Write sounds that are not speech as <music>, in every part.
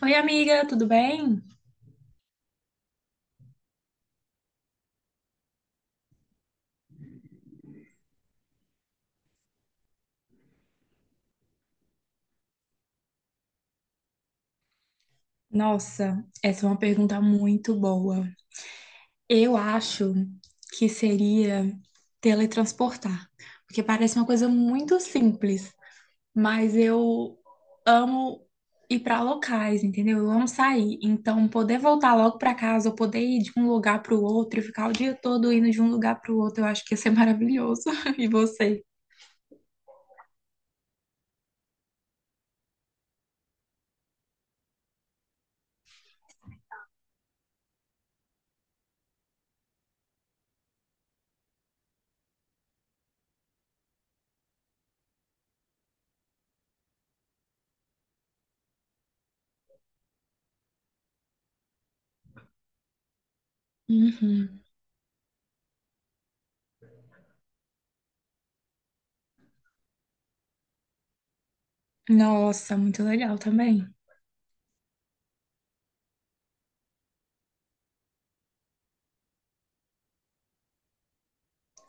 Oi, amiga, tudo bem? Nossa, essa é uma pergunta muito boa. Eu acho que seria teletransportar, porque parece uma coisa muito simples, mas eu amo ir para locais, entendeu? Eu amo sair, então poder voltar logo para casa, ou poder ir de um lugar para o outro e ficar o dia todo indo de um lugar para o outro, eu acho que ia ser maravilhoso. <laughs> E você? Uhum. Nossa, muito legal também.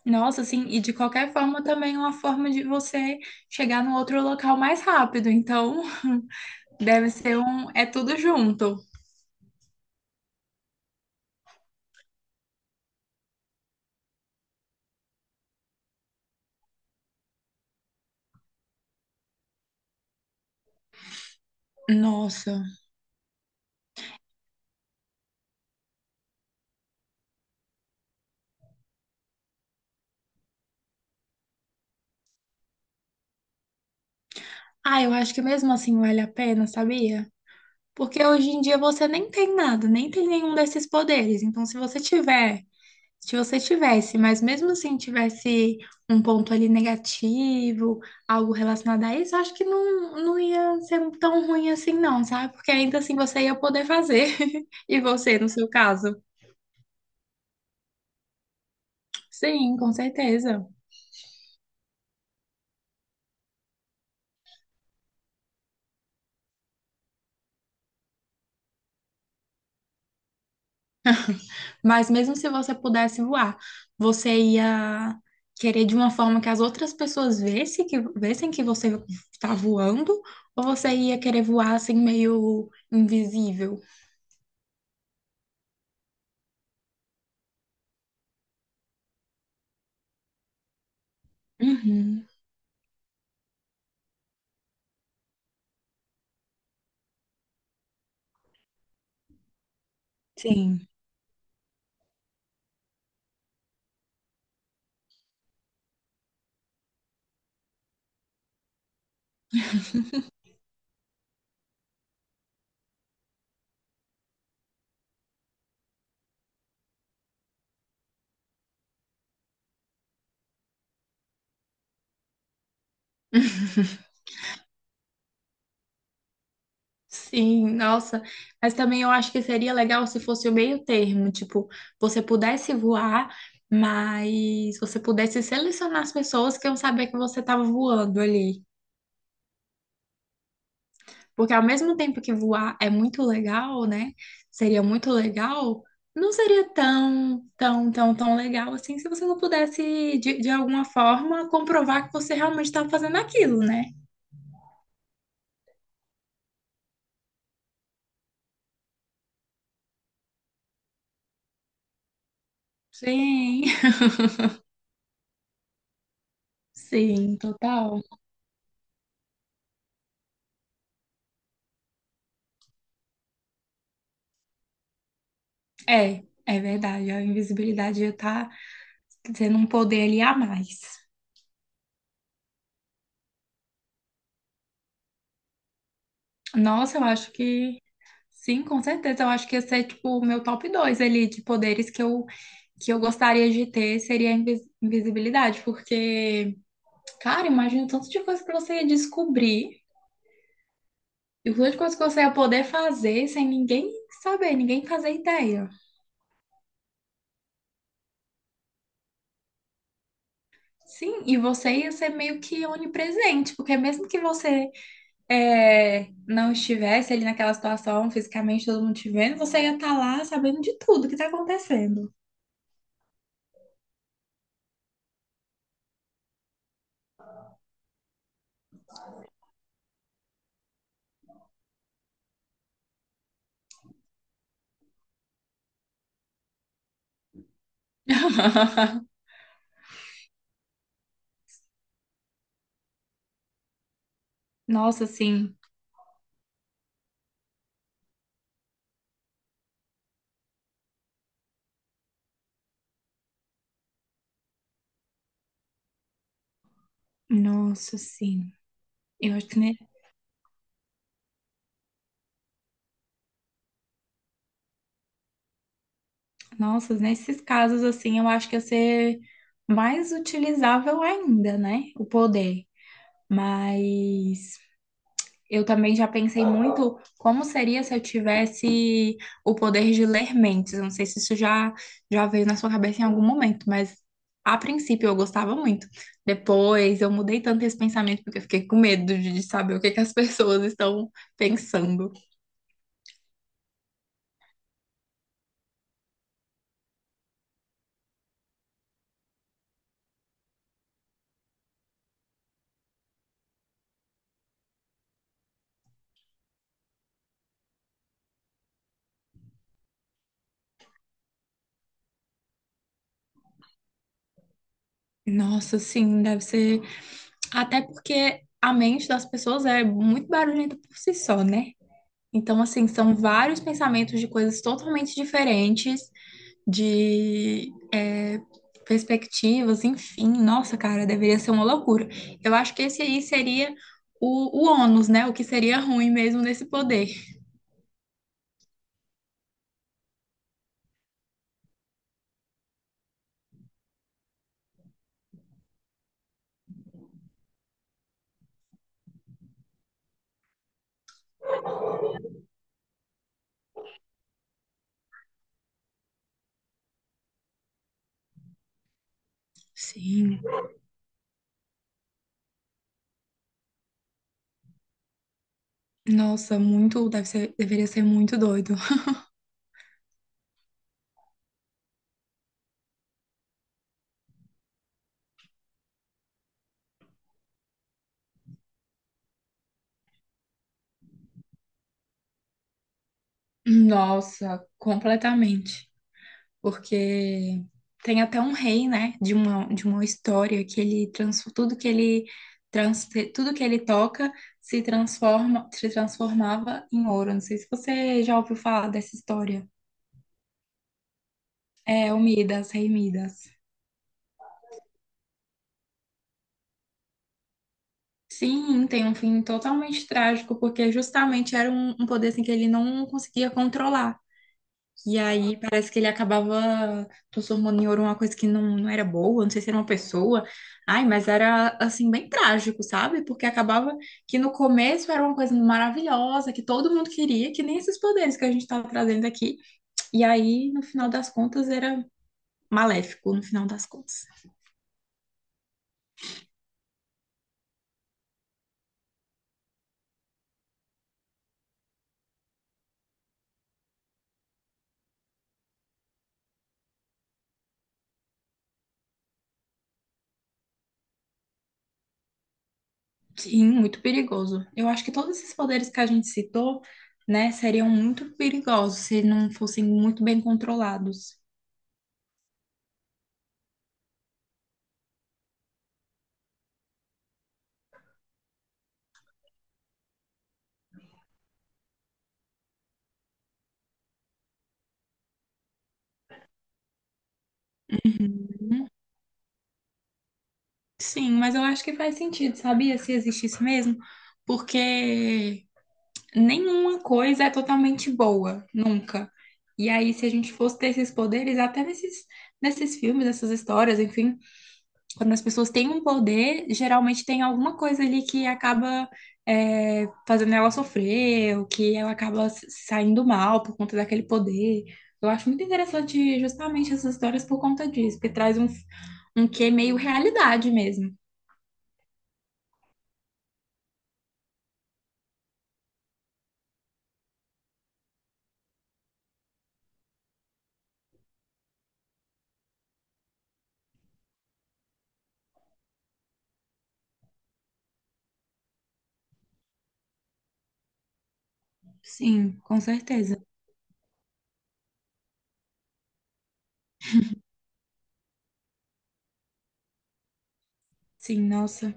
Nossa, assim, e de qualquer forma também é uma forma de você chegar no outro local mais rápido. Então, <laughs> deve ser um. É tudo junto. Nossa. Ah, eu acho que mesmo assim vale a pena, sabia? Porque hoje em dia você nem tem nada, nem tem nenhum desses poderes. Então, se você tivesse, mas mesmo assim tivesse um ponto ali negativo, algo relacionado a isso, eu acho que não, não ia ser tão ruim assim, não, sabe? Porque ainda assim você ia poder fazer. <laughs> E você, no seu caso? Sim, com certeza. Mas mesmo se você pudesse voar, você ia querer de uma forma que as outras pessoas vissem que você está voando, ou você ia querer voar assim meio invisível? Uhum. Sim. <laughs> Sim, nossa, mas também eu acho que seria legal se fosse o meio termo, tipo, você pudesse voar, mas você pudesse selecionar as pessoas que iam saber que você estava voando ali. Porque ao mesmo tempo que voar é muito legal, né? Seria muito legal, não seria tão legal assim se você não pudesse, de alguma forma, comprovar que você realmente estava fazendo aquilo, né? Sim, <laughs> sim, total. É, é verdade, a invisibilidade já tá. Você não poder aliar mais. Nossa, eu acho que sim, com certeza. Eu acho que ia ser tipo o meu top 2 ali de poderes que eu gostaria de ter seria a invisibilidade, porque, cara, imagina o tanto de coisa que você ia descobrir e o tanto de coisa que você ia poder fazer sem ninguém saber, ninguém fazer ideia. Sim, e você ia ser meio que onipresente, porque mesmo que você não estivesse ali naquela situação, fisicamente todo mundo te vendo, você ia estar lá sabendo de tudo que tá acontecendo. <laughs> Nossa, sim. Nossa, sim. Eu acho nossa, nesses casos, assim, eu acho que ia ser mais utilizável ainda, né? O poder. Mas. Eu também já pensei muito como seria se eu tivesse o poder de ler mentes. Eu não sei se isso já veio na sua cabeça em algum momento, mas a princípio eu gostava muito. Depois eu mudei tanto esse pensamento porque eu fiquei com medo de saber o que que as <laughs> pessoas estão pensando. Nossa, sim, deve ser. Até porque a mente das pessoas é muito barulhenta por si só, né? Então, assim, são vários pensamentos de coisas totalmente diferentes de é, perspectivas, enfim. Nossa, cara, deveria ser uma loucura. Eu acho que esse aí seria o ônus, né? O que seria ruim mesmo nesse poder. Sim. Nossa, muito, deve ser, deveria ser muito doido. <laughs> Nossa, completamente. Porque tem até um rei, né, de uma história que tudo que trans, tudo que ele toca se transformava em ouro. Não sei se você já ouviu falar dessa história. É, o Midas, Rei Midas. Sim, tem um fim totalmente trágico, porque justamente era um poder assim, que ele não conseguia controlar. E aí parece que ele acabava transformando em ouro uma coisa que não, não era boa, não sei se era uma pessoa. Ai, mas era assim, bem trágico, sabe? Porque acabava que no começo era uma coisa maravilhosa, que todo mundo queria, que nem esses poderes que a gente estava trazendo aqui. E aí, no final das contas, era maléfico, no final das contas. Sim, muito perigoso. Eu acho que todos esses poderes que a gente citou, né, seriam muito perigosos se não fossem muito bem controlados. Uhum. Sim, mas eu acho que faz sentido, sabia? Se existisse mesmo, porque nenhuma coisa é totalmente boa, nunca. E aí, se a gente fosse ter esses poderes, até nesses filmes, nessas histórias, enfim, quando as pessoas têm um poder, geralmente tem alguma coisa ali que acaba fazendo ela sofrer, ou que ela acaba saindo mal por conta daquele poder. Eu acho muito interessante justamente essas histórias por conta disso, porque traz um quê meio realidade mesmo. Sim, com certeza. Sim, nossa,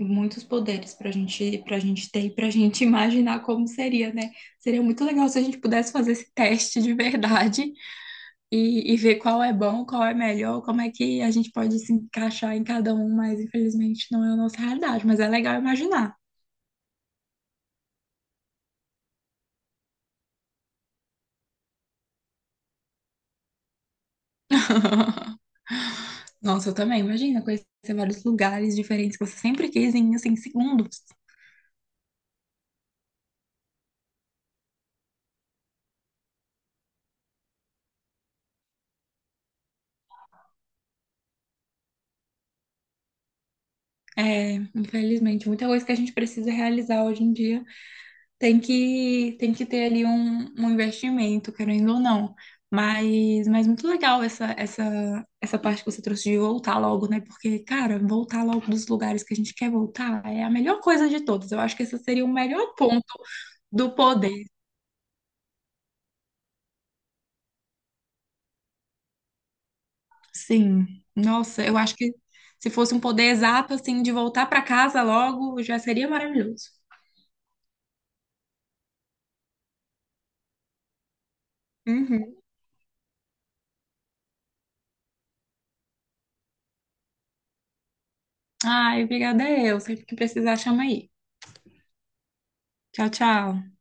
muitos poderes para gente ter e para gente <laughs> imaginar como seria, né? Seria muito legal se a gente pudesse fazer esse teste de verdade e ver qual é bom, qual é melhor, como é que a gente pode se encaixar em cada um, mas infelizmente não é a nossa realidade, mas é legal imaginar. <laughs> Nossa, eu também, imagina conhecer vários lugares diferentes que você sempre quis em, assim, segundos. É, infelizmente, muita coisa que a gente precisa realizar hoje em dia tem que ter ali um investimento, querendo ou não. Mas muito legal essa parte que você trouxe de voltar logo, né? Porque, cara, voltar logo dos lugares que a gente quer voltar é a melhor coisa de todas. Eu acho que esse seria o melhor ponto do poder. Sim. Nossa, eu acho que se fosse um poder exato, assim, de voltar para casa logo, já seria maravilhoso. Uhum. Ai, obrigada eu. Sempre que precisar, chama aí. Tchau, tchau.